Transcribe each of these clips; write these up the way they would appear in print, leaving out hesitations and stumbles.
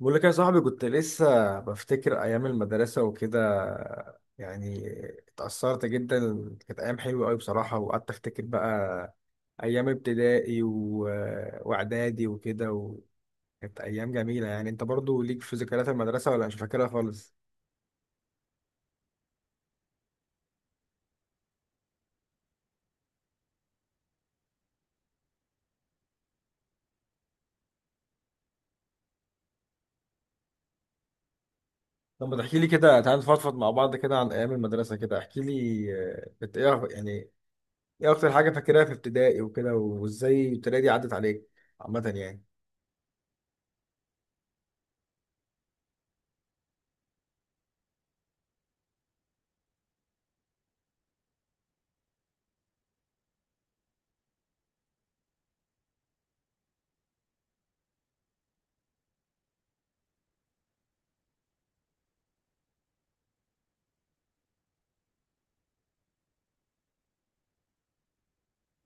بقول لك يا صاحبي، كنت لسه بفتكر ايام المدرسه وكده يعني. اتأثرت جدا. كانت ايام حلوه قوي بصراحه، وقعدت افتكر بقى ايام ابتدائي واعدادي وكده، وكانت ايام جميله. يعني انت برضو ليك في ذكريات المدرسه ولا مش فاكرها خالص؟ طب ما تحكي لي كده، تعال نفضفض مع بعض كده عن ايام المدرسه، كده احكي لي. كنت ايه يعني؟ ايه اكتر حاجه فاكرها في ابتدائي وكده، وازاي ابتدائي دي عدت عليك عامه يعني؟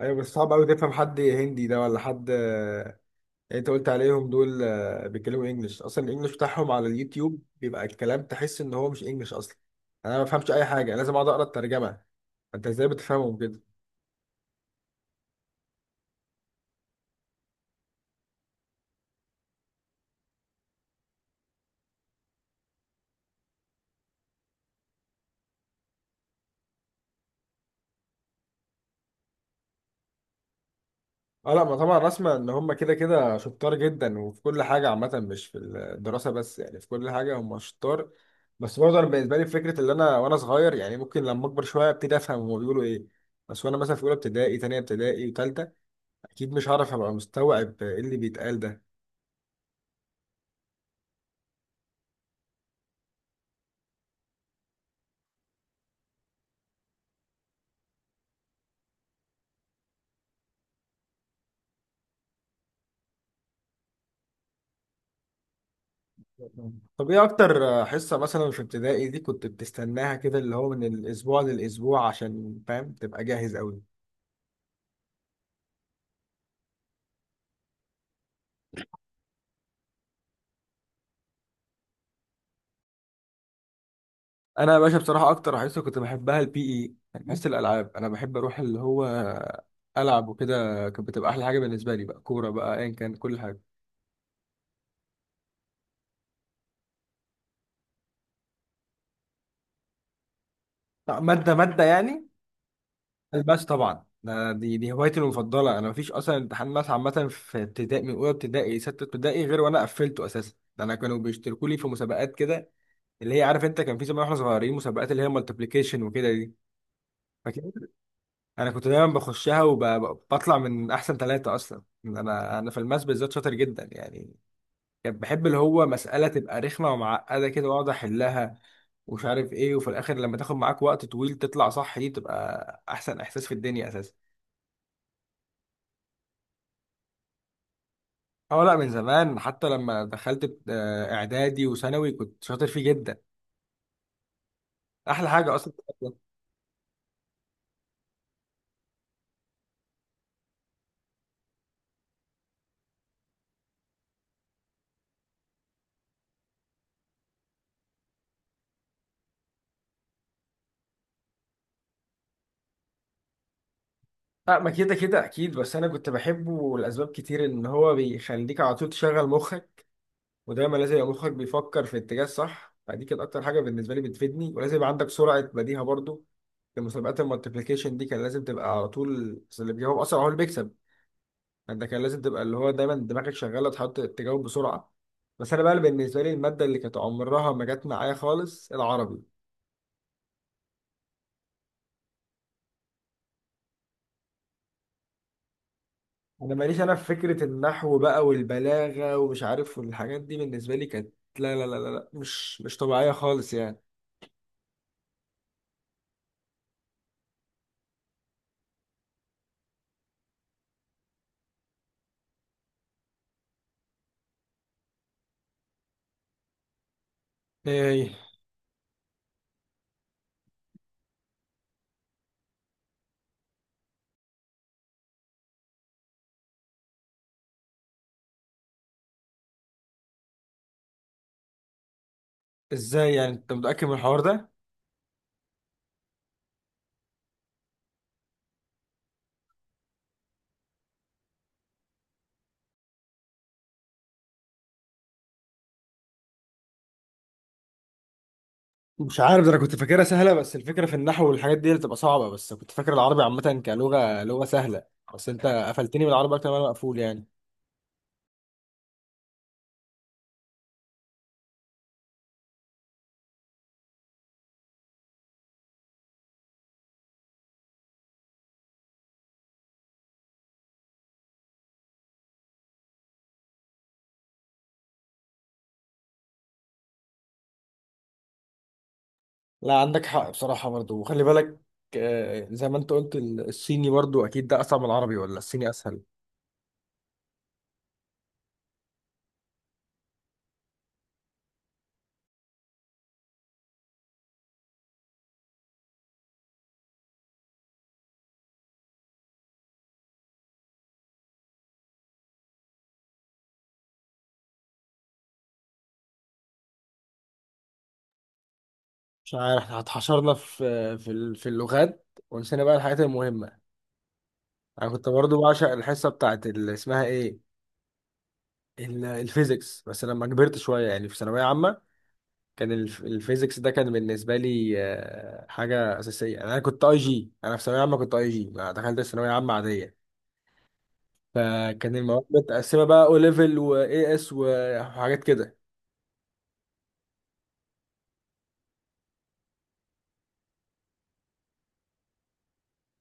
ايوه، بس صعب قوي تفهم حد هندي ده ولا حد، اللي انت قلت عليهم دول، بيتكلموا انجلش اصلا. الانجلش بتاعهم على اليوتيوب بيبقى الكلام تحس ان هو مش انجلش اصلا. انا ما بفهمش اي حاجه، لازم اقعد اقرا الترجمه. انت ازاي بتفهمهم كده؟ اه لا، ما طبعا رسمة ان هم كده كده شطار جدا، وفي كل حاجه عامه، مش في الدراسه بس يعني. في كل حاجه هم شطار. بس برضه انا بالنسبه لي فكره اللي انا وانا صغير، يعني ممكن لما اكبر شويه ابتدي افهم هم بيقولوا ايه. بس وانا مثلا في اولى ابتدائي، تانية ابتدائي، وتالتة، اكيد مش هعرف ابقى مستوعب ايه اللي بيتقال ده. طب ايه اكتر حصة مثلا في ابتدائي دي كنت بتستناها كده، اللي هو من الاسبوع للاسبوع عشان فاهم تبقى جاهز قوي؟ انا يا باشا بصراحة اكتر حصة كنت بحبها البي اي، يعني حصة الالعاب. انا بحب اروح اللي هو العب وكده. كانت بتبقى احلى حاجة بالنسبة لي، بقى كورة بقى ايا كان، كل حاجة. مادة مادة يعني؟ الباس طبعا ده دي هوايتي المفضله. انا مفيش اصلا امتحان ماس عامه في ابتدائي، من اولى ابتدائي سته ابتدائي، غير وانا قفلته اساسا. ده انا كانوا بيشتركوا لي في مسابقات كده، اللي هي عارف انت، كان في زمان واحنا صغيرين مسابقات، اللي هي مالتيبليكيشن وكده دي. فاكر؟ انا كنت دايما بخشها وبطلع من احسن ثلاثه. اصلا انا في الماس بالذات شاطر جدا يعني. كان بحب اللي هو مساله تبقى رخمه ومعقده كده، واقعد احلها ومش عارف ايه، وفي الاخر لما تاخد معاك وقت طويل تطلع صح، دي بتبقى احسن احساس في الدنيا اساسا. اه لا، من زمان. حتى لما دخلت اعدادي وثانوي كنت شاطر فيه جدا، احلى حاجه اصلا. لا، ما كده كده اكيد، بس انا كنت بحبه لاسباب كتير. ان هو بيخليك على طول تشغل مخك، ودايما لازم يبقى مخك بيفكر في اتجاه صح. فدي كانت اكتر حاجه بالنسبه لي بتفيدني. ولازم يبقى عندك سرعه بديهه برضو. في مسابقات المالتيبليكيشن دي كان لازم تبقى على طول، بس اللي بيجاوب اسرع هو اللي بيكسب. انت كان لازم تبقى اللي هو دايما دماغك شغاله، تحط تجاوب بسرعه. بس انا بقى، اللي بالنسبه لي الماده اللي كانت عمرها ما جت معايا خالص، العربي. انا ماليش انا في فكره النحو بقى والبلاغه ومش عارف، والحاجات دي بالنسبه لي كانت لا لا لا لا لا، مش طبيعيه خالص يعني. ايه؟ ازاي يعني، انت متاكد من الحوار ده؟ مش عارف ده، انا كنت فاكرها سهله. بس الفكره في النحو والحاجات دي اللي بتبقى صعبه، بس كنت فاكر العربي عامه كلغه لغه سهله. بس انت قفلتني من العربي اكتر ما انا مقفول يعني. لا، عندك حق بصراحه برضو. وخلي بالك، زي ما انت قلت الصيني برضو اكيد ده اصعب من العربي، ولا الصيني اسهل؟ مش عارف، احنا اتحشرنا في في اللغات، ونسينا بقى الحاجات المهمه. انا كنت برضو بعشق الحصه بتاعت اللي اسمها ايه، الفيزيكس، بس لما كبرت شويه يعني في ثانويه عامه، كان الفيزيكس ده كان بالنسبه لي حاجه اساسيه يعني. انا كنت اي جي، انا في ثانويه عامه كنت اي جي، ما دخلت ثانويه عامه عاديه. فكان المواد متقسمه بقى، او ليفل واي اس وحاجات كده.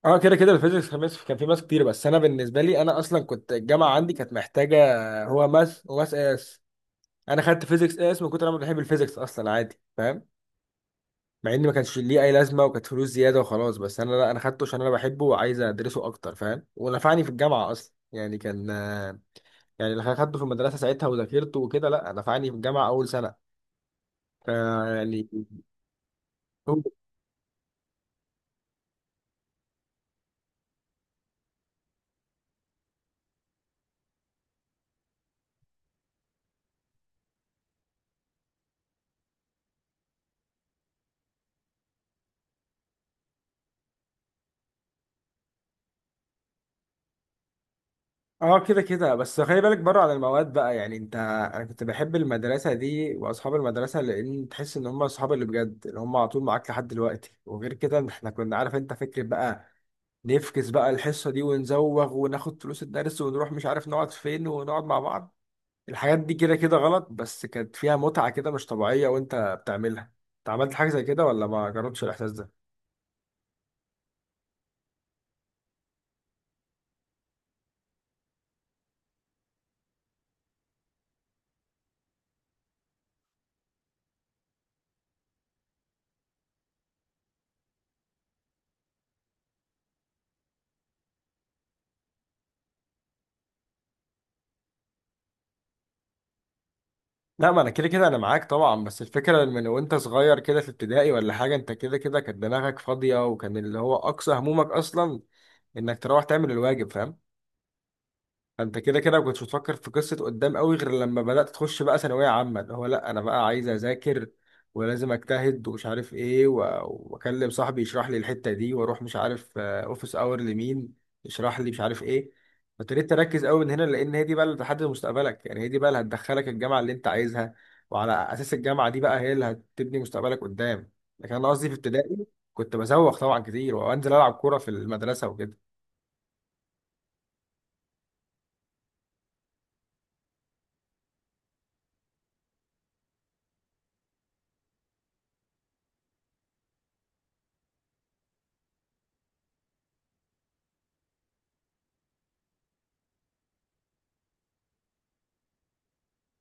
اه كده كده، الفيزيكس كان كان فيه ماس كتير. بس انا بالنسبه لي انا اصلا كنت الجامعه عندي كانت محتاجه، هو ماس وماس اس. انا خدت فيزيكس اس من كتر ما أنا بحب الفيزيكس اصلا، عادي فاهم. مع ان ما كانش ليه اي لازمه، وكانت فلوس زياده وخلاص. بس انا لا، انا خدته عشان انا بحبه وعايز ادرسه اكتر فاهم، ونفعني في الجامعه اصلا يعني. كان يعني اللي خدته في المدرسه ساعتها وذاكرته وكده، لا نفعني في الجامعه اول سنه. ف- يعني هو- اه كده كده. بس خلي بالك، بره عن المواد بقى يعني انت، انا كنت بحب المدرسه دي واصحاب المدرسه، لان تحس ان هم اصحاب اللي بجد، اللي هم على طول معاك لحد دلوقتي. وغير كده، إن احنا كنا عارف انت فكره بقى نفكس بقى الحصة دي ونزوغ، وناخد فلوس الدرس ونروح مش عارف نقعد فين، ونقعد مع بعض. الحاجات دي كده كده غلط، بس كانت فيها متعة كده مش طبيعية وانت بتعملها. انت عملت حاجة زي كده ولا ما جربتش الإحساس ده؟ لا ما انا كده كده انا معاك طبعا. بس الفكرة من وانت صغير كده في ابتدائي ولا حاجة، انت كده كده كانت دماغك فاضية، وكان اللي هو أقصى همومك أصلا انك تروح تعمل الواجب، فاهم؟ انت كده كده ما كنتش بتفكر في قصه قدام قوي، غير لما بدات تخش بقى ثانويه عامه، اللي هو لا انا بقى عايز اذاكر، ولازم اجتهد ومش عارف ايه واكلم صاحبي يشرح لي الحته دي، واروح مش عارف اوفيس اور لمين يشرح لي مش عارف ايه. فابتديت تركز قوي من هنا، لان هي دي بقى اللي بتحدد مستقبلك يعني. هي دي بقى اللي هتدخلك الجامعه اللي انت عايزها، وعلى اساس الجامعه دي بقى هي اللي هتبني مستقبلك قدام. لكن انا قصدي في ابتدائي كنت بزوغ طبعا كتير، وانزل العب كوره في المدرسه وكده.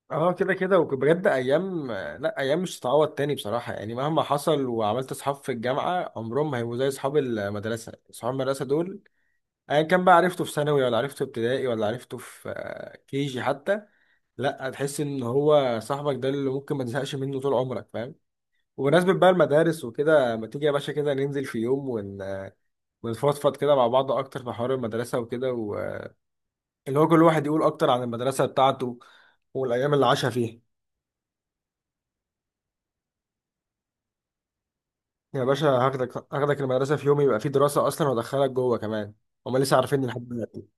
اه كده كده. وبجد ايام، لا ايام مش هتتعوض تاني بصراحه يعني، مهما حصل وعملت اصحاب في الجامعه، عمرهم ما هيبقوا زي اصحاب المدرسه. اصحاب المدرسه دول، ايا كان بقى عرفته في ثانوي، ولا عرفته في ابتدائي، ولا عرفته في كيجي حتى، لا، هتحس ان هو صاحبك ده اللي ممكن ما تزهقش منه طول عمرك، فاهم؟ وبمناسبة بقى المدارس وكده، ما تيجي يا باشا كده ننزل في يوم ونفضفض كده مع بعض اكتر في حوار المدرسة وكده، اللي هو كل واحد يقول اكتر عن المدرسة بتاعته، والايام اللي عاشها فيها. يا باشا هاخدك، هاخدك المدرسة في يوم يبقى فيه دراسة أصلا، وأدخلك جوه كمان. هما لسه عارفين لحد دلوقتي.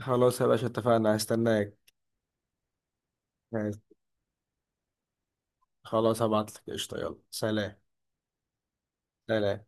خلاص يا باشا، اتفقنا. هستناك. ماشي، خلاص هبعتلك. قشطة، يلا سلام. سلام.